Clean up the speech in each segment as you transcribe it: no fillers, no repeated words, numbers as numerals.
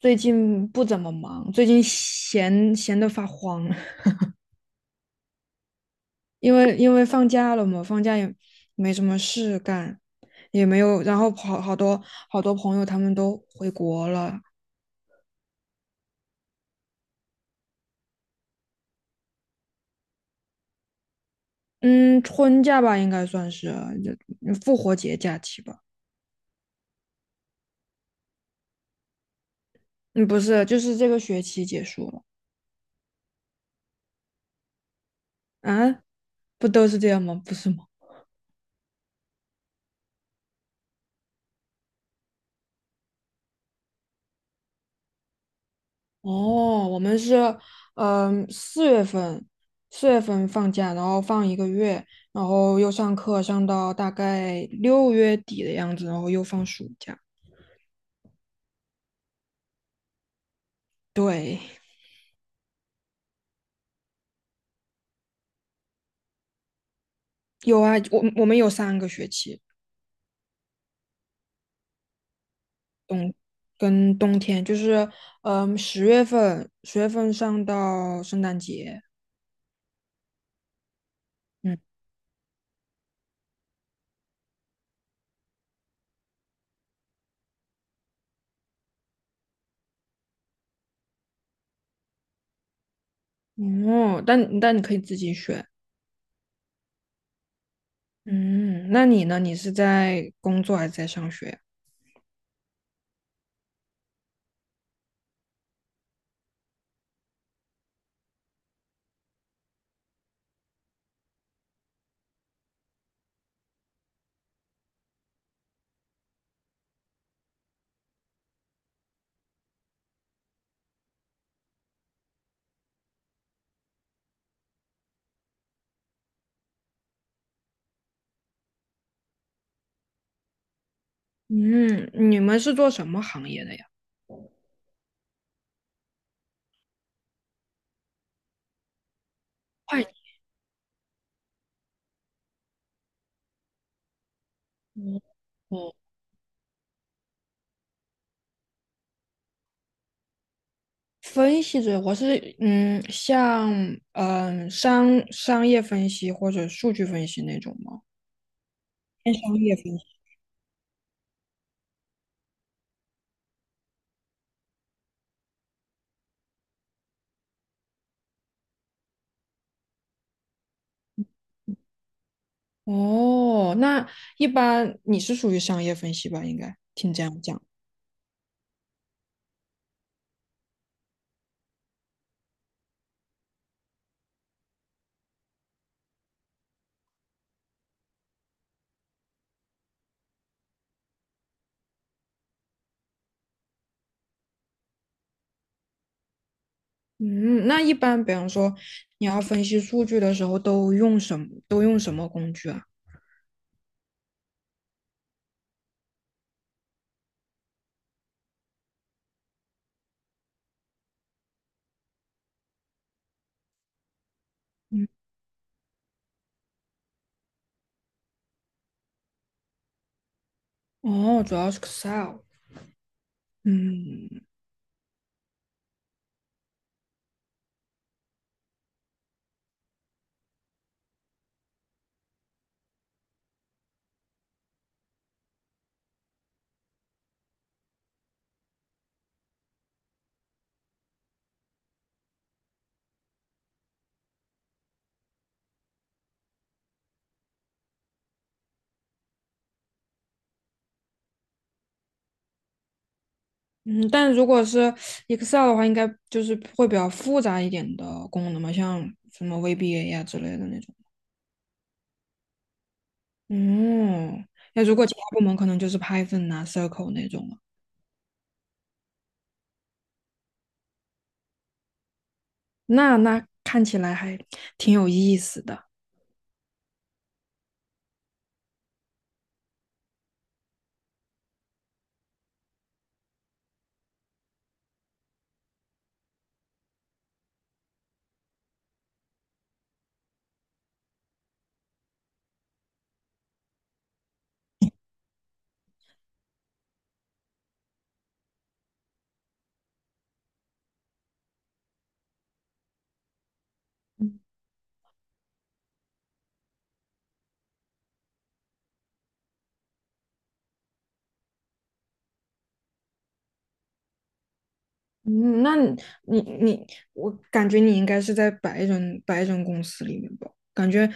最近不怎么忙，最近闲闲得发慌，因为放假了嘛，放假也没什么事干，也没有，然后好好多好多朋友他们都回国了。嗯，春假吧应该算是，就复活节假期吧。嗯，不是，就是这个学期结束了。啊，不都是这样吗？不是吗？哦，我们是，四月份，四月份放假，然后放一个月，然后又上课，上到大概六月底的样子，然后又放暑假。对，有啊，我们有三个学期。跟冬天就是，十月份，十月份上到圣诞节。嗯。哦，但你可以自己选。嗯，那你呢？你是在工作还是在上学呀？嗯，你们是做什么行业的呀？会计。哦，分析者，我是，像嗯商商业分析或者数据分析那种吗？偏商业分析。哦，那一般你是属于商业分析吧？应该听这样讲。嗯，那一般比方说你要分析数据的时候，都用什么工具啊？嗯。哦，主要是 Excel。嗯。嗯，但如果是 Excel 的话，应该就是会比较复杂一点的功能嘛，像什么 VBA 呀、之类的那种。嗯，那如果其他部门可能就是 Python 啊、Circle 那种了。那那看起来还挺有意思的。嗯，那你，我感觉你应该是在白人公司里面吧？感觉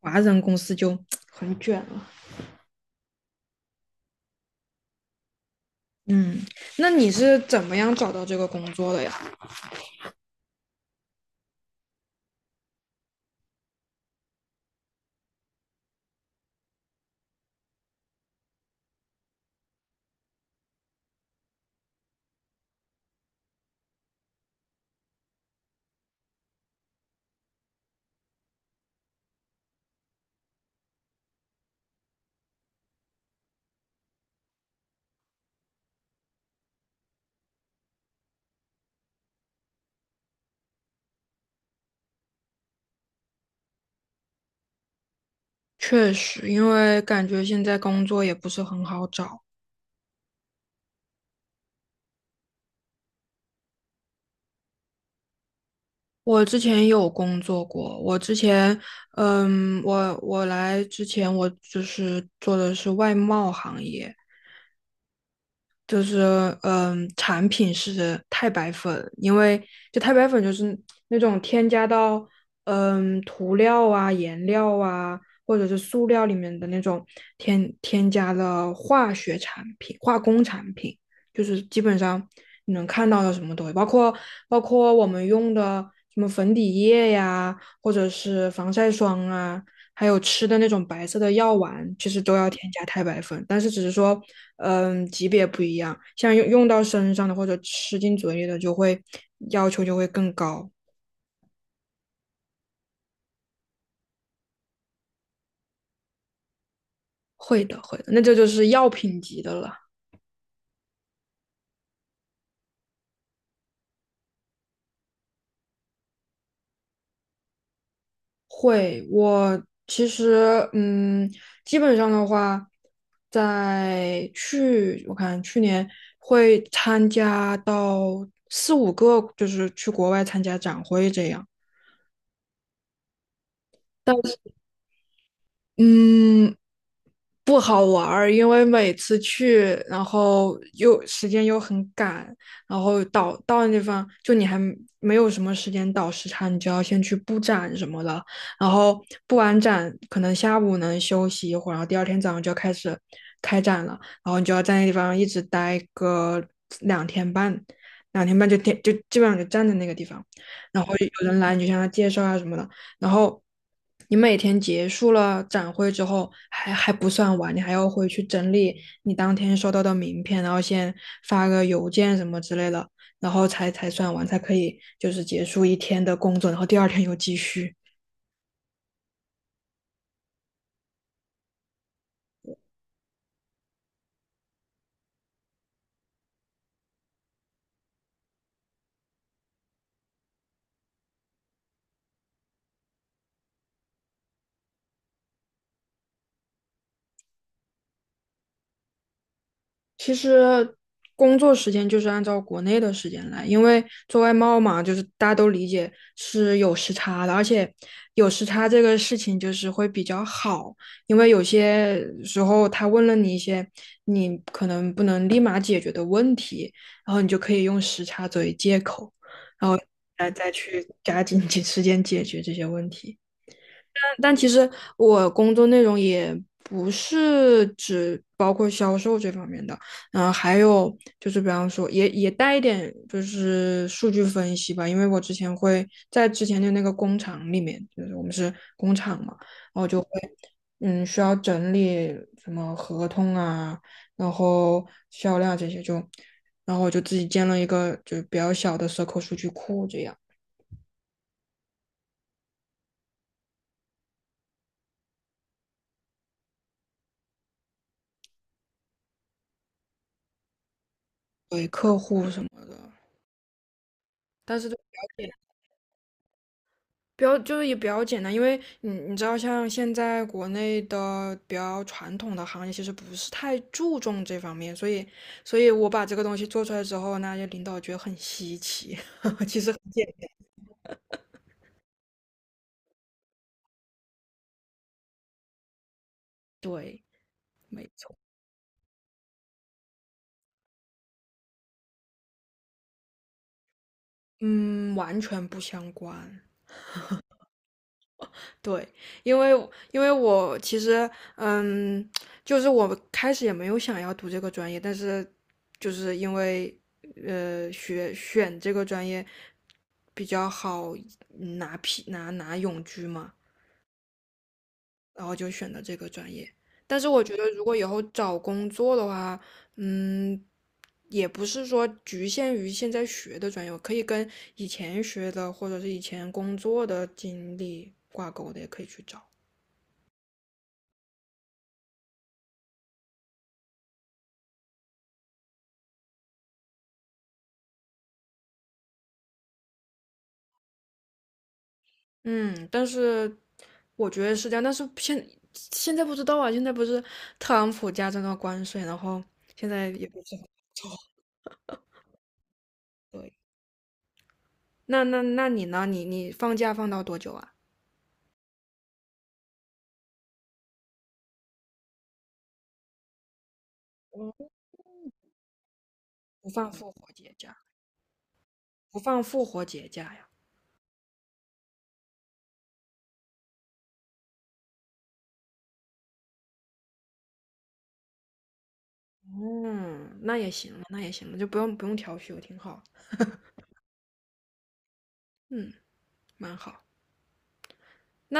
华人公司就很卷了。嗯，那你是怎么样找到这个工作的呀？确实，因为感觉现在工作也不是很好找。我之前有工作过，我之前，嗯，我来之前，我就是做的是外贸行业。就是嗯，产品是太白粉。因为就太白粉就是那种添加到涂料啊、颜料啊，或者是塑料里面的那种添加了化学产品、化工产品。就是基本上你能看到的什么东西，包括我们用的什么粉底液呀，或者是防晒霜啊，还有吃的那种白色的药丸，其实都要添加钛白粉，但是只是说，嗯，级别不一样，像用到身上的或者吃进嘴里的，就会要求就会更高。会的，会的，那这就是药品级的了。会，我其实，基本上的话，在去我看去年会参加到四五个，就是去国外参加展会这样。但是。嗯，不好玩儿，因为每次去，然后又时间又很赶，然后到那地方，就你还没有什么时间倒时差，你就要先去布展什么的，然后布完展可能下午能休息一会儿，然后第二天早上就要开始开展了，然后你就要在那地方一直待个两天半，两天半就天就基本上就站在那个地方，然后有人来你就向他介绍啊什么的。然后你每天结束了展会之后，还不算完，你还要回去整理你当天收到的名片，然后先发个邮件什么之类的，然后才算完，才可以就是结束一天的工作，然后第二天又继续。其实工作时间就是按照国内的时间来，因为做外贸嘛，就是大家都理解是有时差的，而且有时差这个事情就是会比较好，因为有些时候他问了你一些你可能不能立马解决的问题，然后你就可以用时差作为借口来再去加紧 些时间解决这些问题。但其实我工作内容也不是只包括销售这方面的。还有就是比方说也带一点就是数据分析吧，因为我之前会在之前的那个工厂里面，就是我们是工厂嘛。嗯，需要整理什么合同啊，然后销量这些就，然后我就自己建了一个就是比较小的 c i l 数据库，这样对客户什么的。但是都了解比较就是也比较简单，因为你你知道，像现在国内的比较传统的行业，其实不是太注重这方面，所以我把这个东西做出来之后，那些领导觉得很稀奇，其实很简，对。嗯，完全不相关。对，因为因为我其实，嗯，就是我开始也没有想要读这个专业，但是就是因为学选这个专业比较好拿批拿拿永居嘛，然后就选了这个专业。但是我觉得如果以后找工作的话，嗯，也不是说局限于现在学的专业，我可以跟以前学的或者是以前工作的经历挂钩的，也可以去找。嗯，但是我觉得是这样，但是现在不知道啊，现在不是特朗普加征了关税，然后现在也不知道。对，那你呢？你放假放到多久啊？不放复活节假，不放复活节假呀？嗯，那也行了，那也行了，就不用调休，挺好。嗯，蛮好。那。